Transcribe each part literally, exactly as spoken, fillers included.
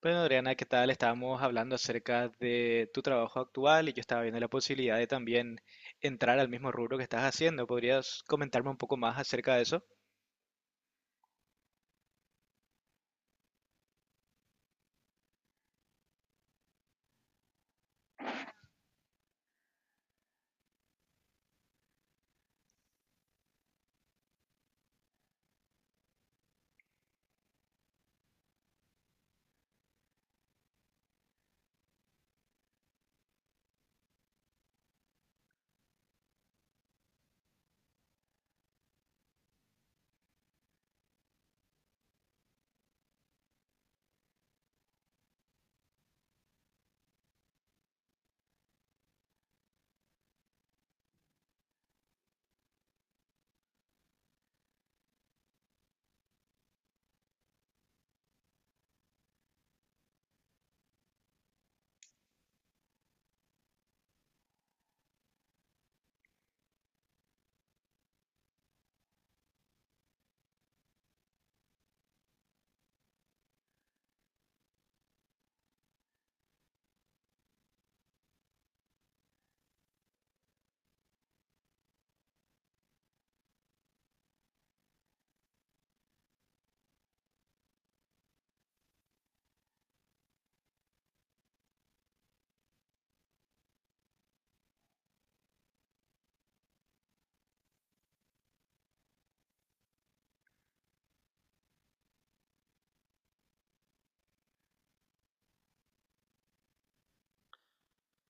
Bueno, Adriana, ¿qué tal? Estábamos hablando acerca de tu trabajo actual y yo estaba viendo la posibilidad de también entrar al mismo rubro que estás haciendo. ¿Podrías comentarme un poco más acerca de eso?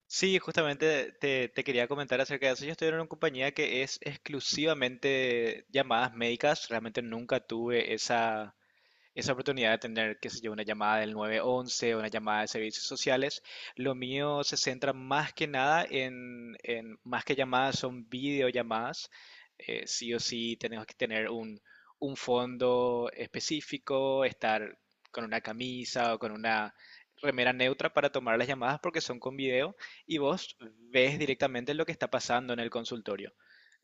Sí, justamente te, te quería comentar acerca de eso. Yo estoy en una compañía que es exclusivamente llamadas médicas. Realmente nunca tuve esa esa oportunidad de tener, qué sé yo, una llamada del nueve once, una llamada de servicios sociales. Lo mío se centra más que nada en, en, más que llamadas, son videollamadas. Eh, sí o sí tenemos que tener un, un fondo específico, estar con una camisa o con una remera neutra para tomar las llamadas porque son con video y vos ves directamente lo que está pasando en el consultorio.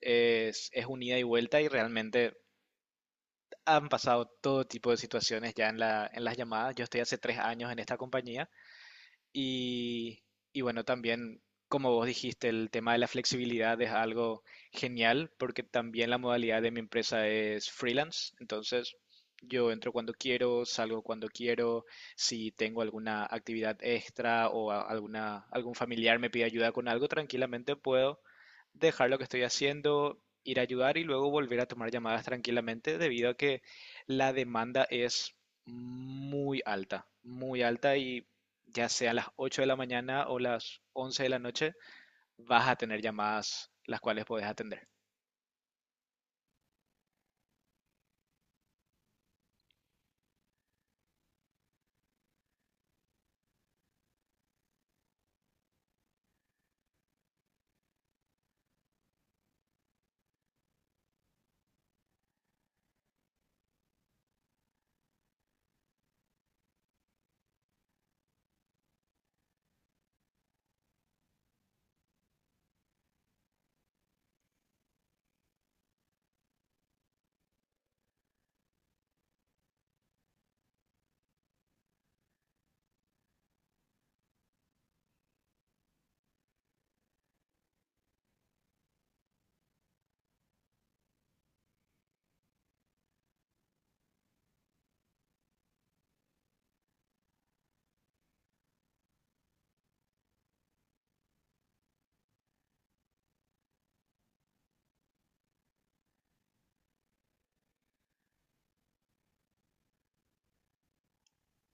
Es, es un ida y vuelta y realmente han pasado todo tipo de situaciones ya en la, en las llamadas. Yo estoy hace tres años en esta compañía y, y bueno, también, como vos dijiste, el tema de la flexibilidad es algo genial porque también la modalidad de mi empresa es freelance. Entonces, yo entro cuando quiero, salgo cuando quiero. Si tengo alguna actividad extra o a- alguna, algún familiar me pide ayuda con algo, tranquilamente puedo dejar lo que estoy haciendo, ir a ayudar y luego volver a tomar llamadas tranquilamente debido a que la demanda es muy alta, muy alta y ya sea a las ocho de la mañana o las once de la noche, vas a tener llamadas las cuales podés atender.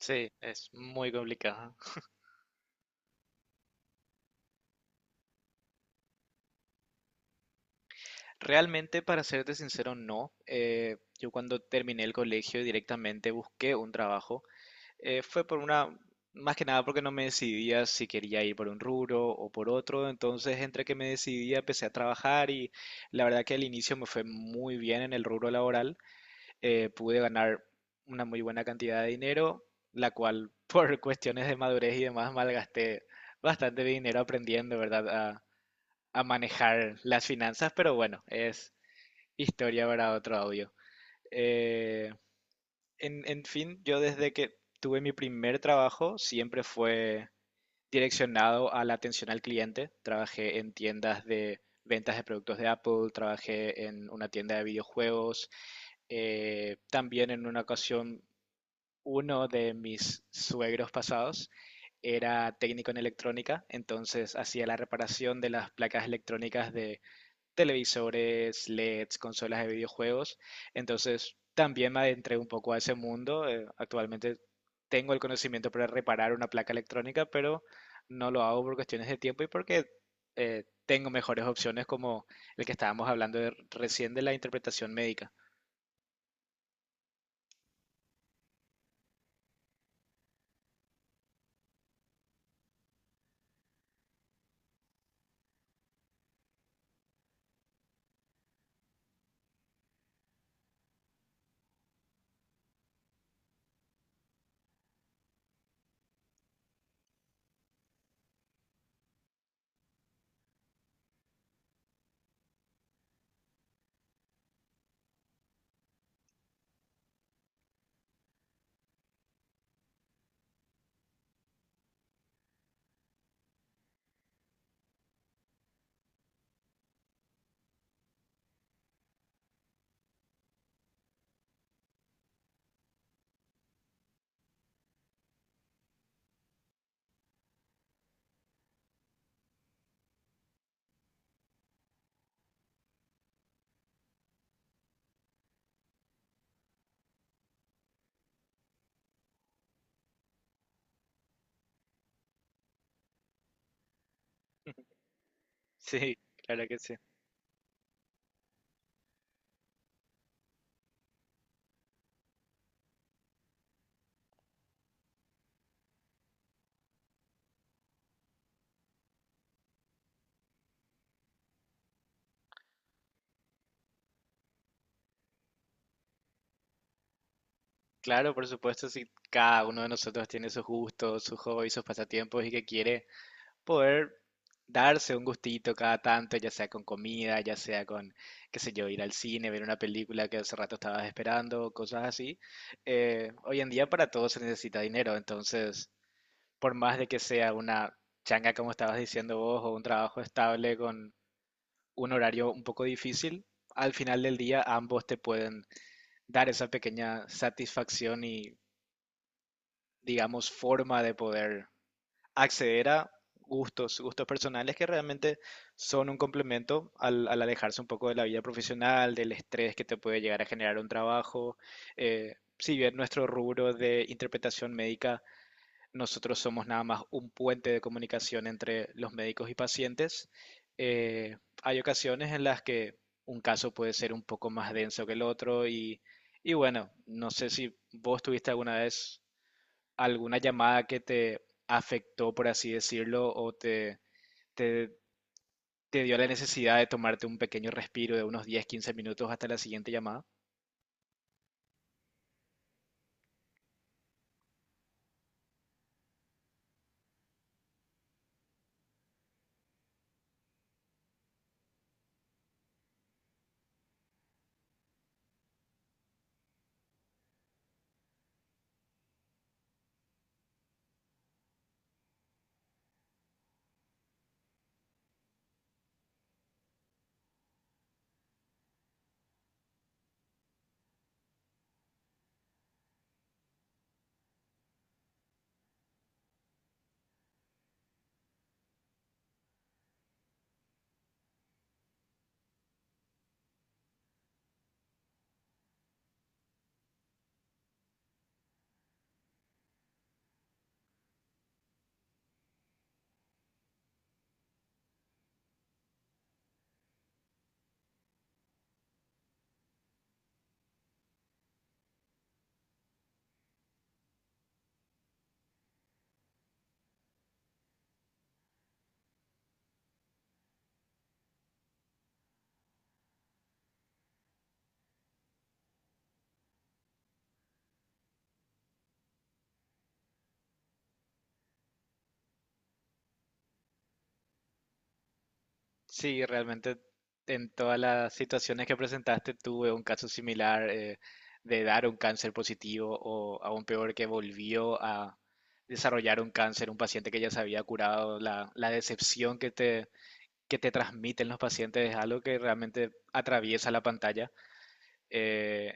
Sí, es muy complicado. Realmente, para serte sincero, no. Eh, yo cuando terminé el colegio directamente busqué un trabajo. Eh, fue por una, más que nada porque no me decidía si quería ir por un rubro o por otro. Entonces, entre que me decidía, empecé a trabajar y la verdad que al inicio me fue muy bien en el rubro laboral. Eh, pude ganar una muy buena cantidad de dinero, la cual por cuestiones de madurez y demás malgasté bastante de dinero aprendiendo, ¿verdad? A, a manejar las finanzas, pero bueno, es historia para otro audio. Eh, en, en fin, yo desde que tuve mi primer trabajo siempre fue direccionado a la atención al cliente. Trabajé en tiendas de ventas de productos de Apple, trabajé en una tienda de videojuegos, eh, también en una ocasión uno de mis suegros pasados era técnico en electrónica, entonces hacía la reparación de las placas electrónicas de televisores, L E Ds, consolas de videojuegos. Entonces también me adentré un poco a ese mundo. Eh, actualmente tengo el conocimiento para reparar una placa electrónica, pero no lo hago por cuestiones de tiempo y porque eh, tengo mejores opciones como el que estábamos hablando de- recién de la interpretación médica. Sí, claro que sí. Claro, por supuesto, si cada uno de nosotros tiene sus gustos, sus hobbies, sus pasatiempos y que quiere poder darse un gustito cada tanto, ya sea con comida, ya sea con, qué sé yo, ir al cine, ver una película que hace rato estabas esperando, cosas así. Eh, hoy en día para todo se necesita dinero, entonces, por más de que sea una changa, como estabas diciendo vos, o un trabajo estable con un horario un poco difícil, al final del día ambos te pueden dar esa pequeña satisfacción y digamos, forma de poder acceder a gustos, gustos personales que realmente son un complemento al, al alejarse un poco de la vida profesional, del estrés que te puede llegar a generar un trabajo. Eh, si bien nuestro rubro de interpretación médica, nosotros somos nada más un puente de comunicación entre los médicos y pacientes, eh, hay ocasiones en las que un caso puede ser un poco más denso que el otro y, y bueno, no sé si vos tuviste alguna vez alguna llamada que te afectó, por así decirlo, o te, te, te dio la necesidad de tomarte un pequeño respiro de unos diez quince minutos hasta la siguiente llamada. Sí, realmente en todas las situaciones que presentaste tuve un caso similar, eh, de dar un cáncer positivo o aún peor que volvió a desarrollar un cáncer, un paciente que ya se había curado, la, la decepción que te, que te transmiten los pacientes es algo que realmente atraviesa la pantalla. Eh,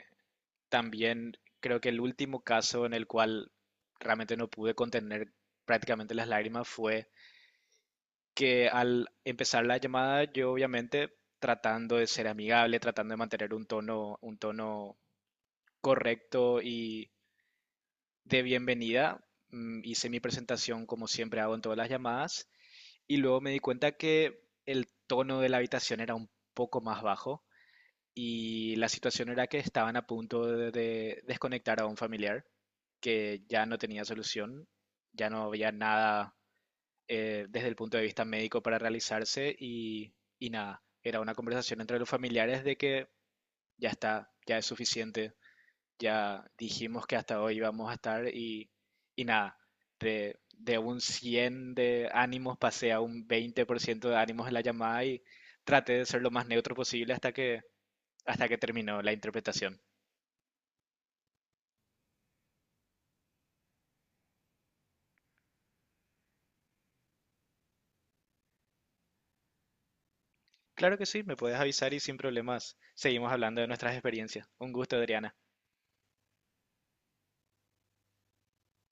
También creo que el último caso en el cual realmente no pude contener prácticamente las lágrimas fue que al empezar la llamada yo obviamente tratando de ser amigable, tratando de mantener un tono, un tono, correcto y de bienvenida, mm, hice mi presentación como siempre hago en todas las llamadas y luego me di cuenta que el tono de la habitación era un poco más bajo y la situación era que estaban a punto de, de desconectar a un familiar que ya no tenía solución, ya no había nada, eh, desde el punto de vista médico para realizarse y, y nada, era una conversación entre los familiares de que ya está, ya es suficiente, ya dijimos que hasta hoy íbamos a estar y, y nada, de, de un cien de ánimos pasé a un veinte por ciento de ánimos en la llamada y traté de ser lo más neutro posible hasta que hasta que terminó la interpretación. Claro que sí, me puedes avisar y sin problemas seguimos hablando de nuestras experiencias. Un gusto, Adriana.